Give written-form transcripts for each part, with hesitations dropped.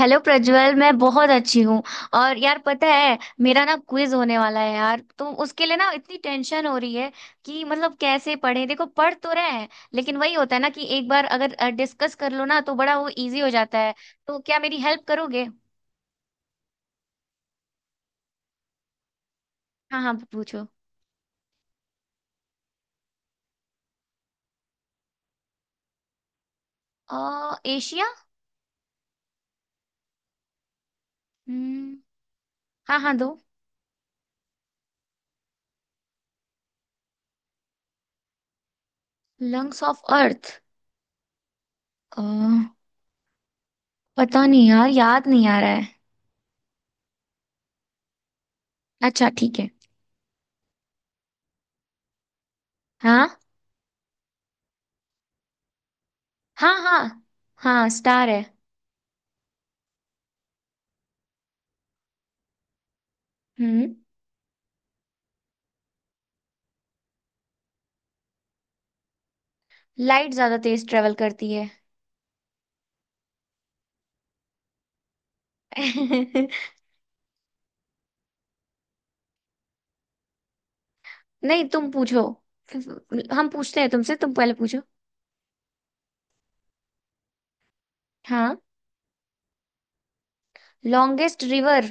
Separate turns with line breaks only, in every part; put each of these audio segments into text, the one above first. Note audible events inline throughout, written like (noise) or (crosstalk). Hello Prajwal, मैं बहुत अच्छी हूँ। और यार पता है, मेरा ना क्विज होने वाला है यार, तो उसके लिए ना इतनी टेंशन हो रही है कि मतलब कैसे पढ़े। देखो, पढ़ तो रहे हैं लेकिन वही होता है ना कि एक बार अगर डिस्कस कर लो ना, तो बड़ा वो इजी हो जाता है। तो क्या मेरी हेल्प करोगे? हाँ हाँ, पूछो। एशिया। हम्म। हाँ हाँ, दो। Lungs of earth. अ, पता नहीं यार, याद नहीं आ रहा है। अच्छा, ठीक है। हाँ हाँ हाँ हाँ, स्टार है। हम्म। लाइट ज्यादा तेज ट्रेवल करती है। (laughs) नहीं, तुम पूछो। हम पूछते हैं तुमसे। तुम पहले पूछो। हाँ, लॉन्गेस्ट रिवर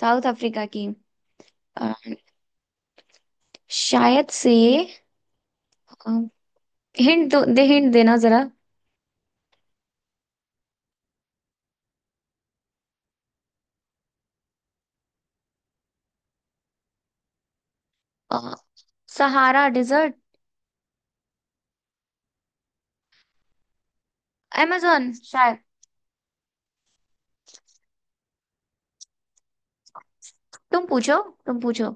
साउथ अफ्रीका की। अ, शायद से। हिंट दो, दे, हिंट देना जरा। अ, सहारा डिजर्ट। amazon शायद। तुम पूछो, तुम पूछो।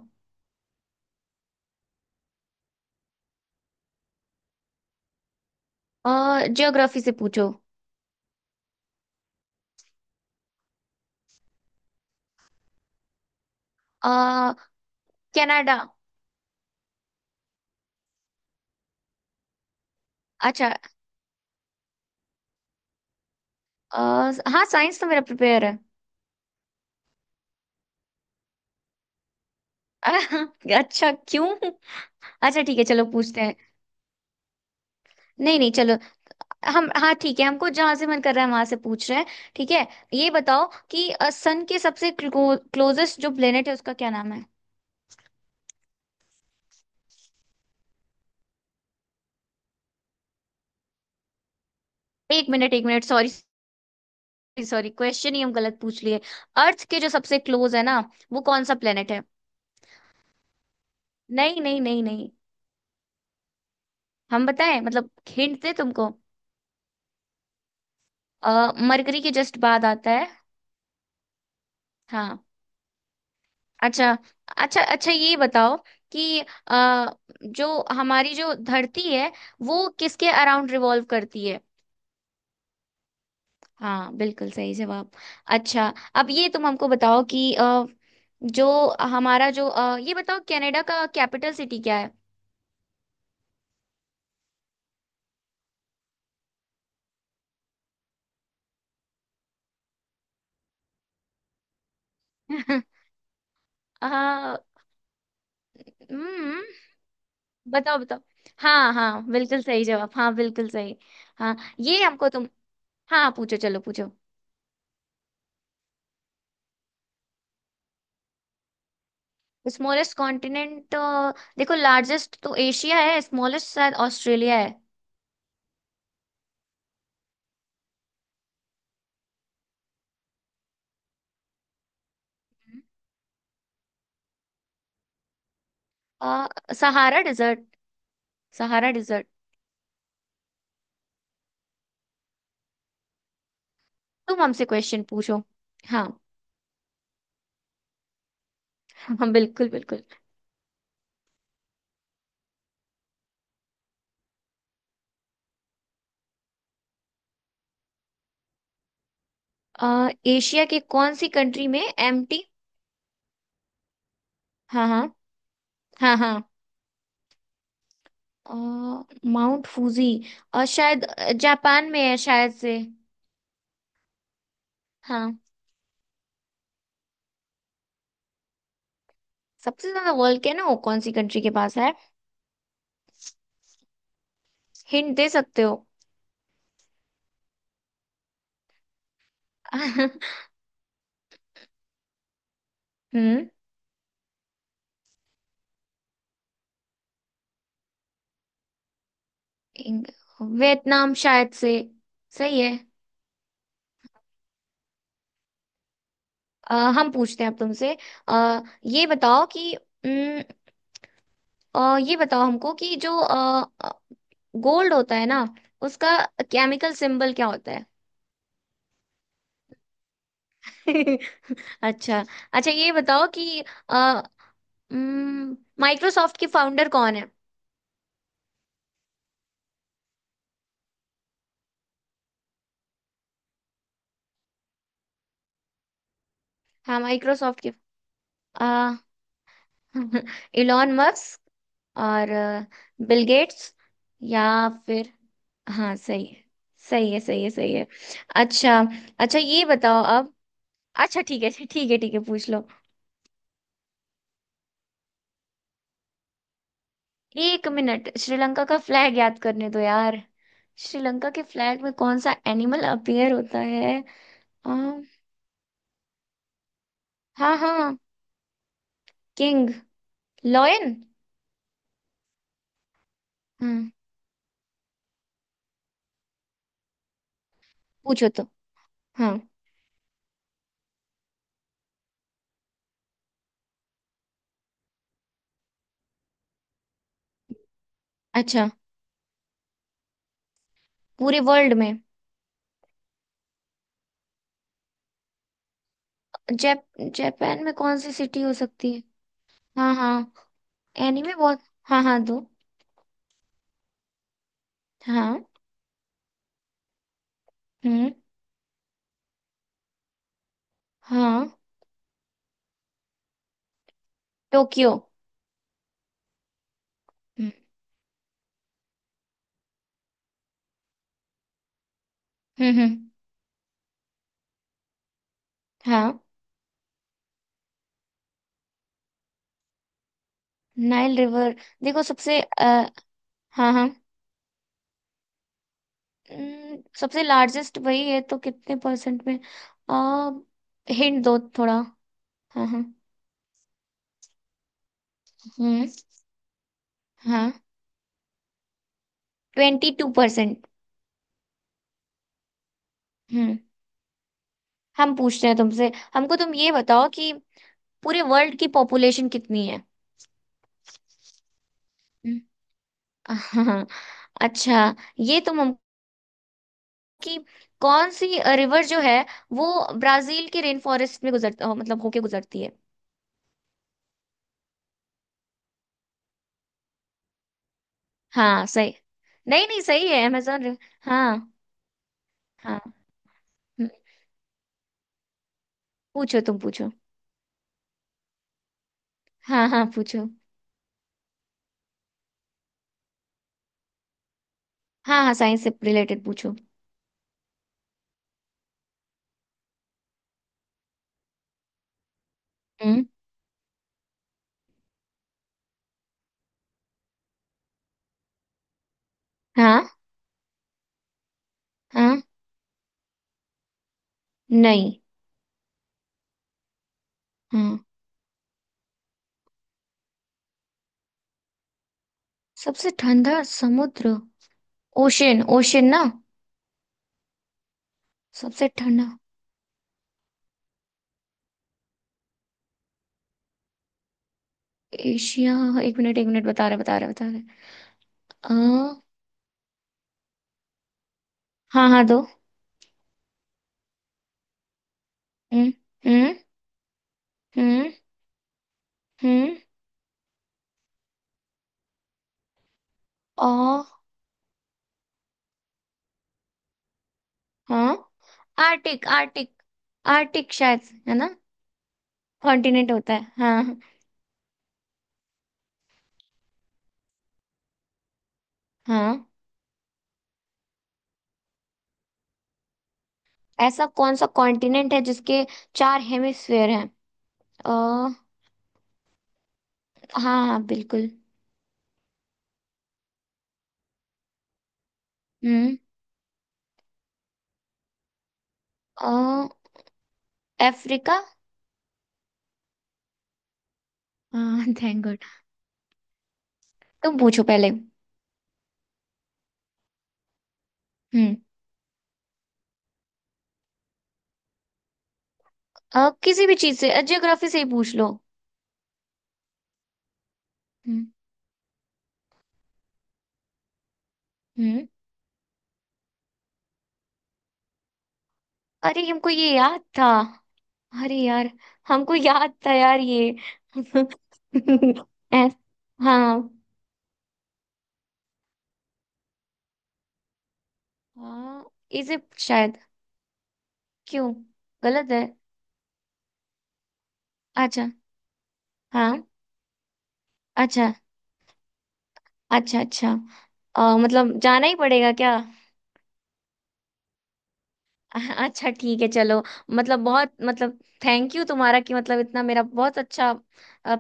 अ ज्योग्राफी से पूछो। आ, कनाडा। अच्छा। अ, हाँ, साइंस तो मेरा प्रिपेयर है। (laughs) अच्छा, क्यों? अच्छा ठीक है, चलो पूछते हैं। नहीं नहीं, चलो। हम हाँ ठीक है, हमको जहां से मन कर रहा है वहां से पूछ रहे हैं। ठीक है। ये बताओ कि सन के सबसे क्लोजेस्ट जो प्लेनेट है उसका क्या नाम है? एक मिनट, एक मिनट, सॉरी। सॉरी, क्वेश्चन ही हम गलत पूछ लिए। अर्थ के जो सबसे क्लोज है ना, वो कौन सा प्लेनेट है? नहीं नहीं नहीं नहीं। हम बताएं मतलब, हिंट दे तुमको। मरकरी के जस्ट बाद आता है। हाँ। अच्छा। अच्छा। अच्छा ये बताओ कि अ, जो हमारी जो धरती है वो किसके अराउंड रिवॉल्व करती है? हाँ, बिल्कुल सही जवाब। अच्छा। अब ये तुम हमको बताओ कि अ, जो हमारा जो अ, ये बताओ, कनाडा का कैपिटल सिटी क्या है? (laughs) अ, हम्म बताओ बताओ। हाँ हाँ, बिल्कुल सही जवाब। हाँ, बिल्कुल सही। हाँ, ये हमको तुम। हाँ, पूछो, चलो पूछो। Smallest continent. देखो, लार्जेस्ट तो एशिया है, स्मॉलेस्ट शायद ऑस्ट्रेलिया है। अ, सहारा डिजर्ट। Sahara desert. तुम हमसे क्वेश्चन पूछो। हाँ। (laughs) हाँ, बिल्कुल बिल्कुल। एशिया के कौन सी कंट्री में एम्प्टी? हाँ हाँ हाँ हाँ। अ, माउंट फूजी, और शायद जापान में है शायद से। हाँ। सबसे ज्यादा वोल्केनो कौन सी कंट्री के पास है? हिंट दे सकते हो? (laughs) हम्म। इंग- वियतनाम शायद से। सही है। हम पूछते हैं अब तुमसे। अ, ये बताओ कि अम, ये बताओ हमको कि जो गोल्ड होता है ना, उसका केमिकल सिंबल क्या होता है? (laughs) अच्छा। अच्छा ये बताओ कि माइक्रोसॉफ्ट के फाउंडर कौन है? हाँ, माइक्रोसॉफ्ट के। आ, (laughs) इलॉन मस्क, और बिल गेट्स, या फिर। हाँ, सही है, सही है, सही है, सही है। अच्छा। अच्छा ये बताओ अब। अच्छा ठीक है, अच्छा ठीक है, ठीक है, पूछ लो। एक मिनट, श्रीलंका का फ्लैग याद करने दो यार। श्रीलंका के फ्लैग में कौन सा एनिमल अपीयर होता है? आ, हाँ हाँ, किंग लॉयन। हम्म। पूछो तो। हाँ, अच्छा। पूरे वर्ल्ड में? जैप जापान में कौन सी सिटी हो सकती है? हाँ हाँ। एनीमे बहुत। हाँ हाँ, दो। हाँ। हम्म। हाँ, टोक्यो। हम्म। हम्म। हम्म। हाँ। Nile river. देखो, सबसे हाँ हाँ। सबसे लार्जेस्ट वही है, तो कितने परसेंट में? आ, हिंट दो थोड़ा। हाँ हाँ। हम्म। हाँ, ट्वेंटी टू परसेंट। हम्म। हम पूछते हैं तुमसे, हमको तुम ये बताओ कि पूरे वर्ल्ड की पॉपुलेशन कितनी है? हम्म। (laughs) हाँ। अच्छा ये तुम हमको कि कौन सी रिवर जो है वो ब्राजील के रेन फॉरेस्ट में मतलब होके गुजरती है? हाँ, सही। नहीं नहीं, सही है अमेजोन रिवर। हाँ हाँ। हम्म, पूछो, तुम पूछो। हाँ हाँ, पूछो। हाँ हाँ, साइंस से रिलेटेड पूछो। हम्म। हाँ। हाँ, नहीं। हाँ। सबसे ठंडा समुद्र। ओशन, ओशन ना। सबसे ठंडा। एशिया। एक मिनट, एक मिनट, बता रहे, बता रहे, बता रहे। हाँ हाँ, दो। हम्म। हम्म। हम्म। हम्म। ओ। हाँ। Arctic, Arctic. आर्टिक शायद, है ना? कॉन्टिनेंट होता है, हाँ। हाँ। ऐसा कौन सा कॉन्टिनेंट है जिसके चार हेमिस्फेयर हैं? अ हाँ हाँ, बिल्कुल। हम्म। अ अफ्रीका। हाँ, थैंक गॉड। तुम पूछो पहले। हम्म। किसी भी चीज से, जियोग्राफी से ही पूछ लो। हम्म। हम्म। अरे, हमको ये याद था। अरे यार, हमको याद था यार, ये (laughs) ऐस- हाँ हाँ। इजिप्ट शायद। क्यों? गलत है। अच्छा। हाँ। अच्छा। अच्छा। अच्छा। मतलब जाना ही पड़ेगा क्या? (laughs) अच्छा ठीक है, चलो। मतलब, बहुत मतलब। थैंक यू तुम्हारा, कि मतलब इतना मेरा बहुत अच्छा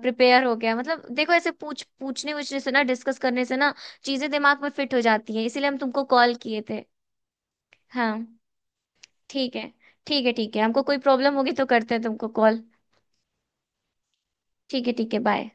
प्रिपेयर हो गया। मतलब देखो, ऐसे पूछने वूछने से ना, डिस्कस करने से ना, चीजें दिमाग में फिट हो जाती हैं, इसीलिए हम तुमको कॉल किए थे। हाँ। ठीक है। ठीक है, ठीक है, हमको कोई प्रॉब्लम होगी तो करते हैं तुमको कॉल। ठीक है, ठीक है, बाय।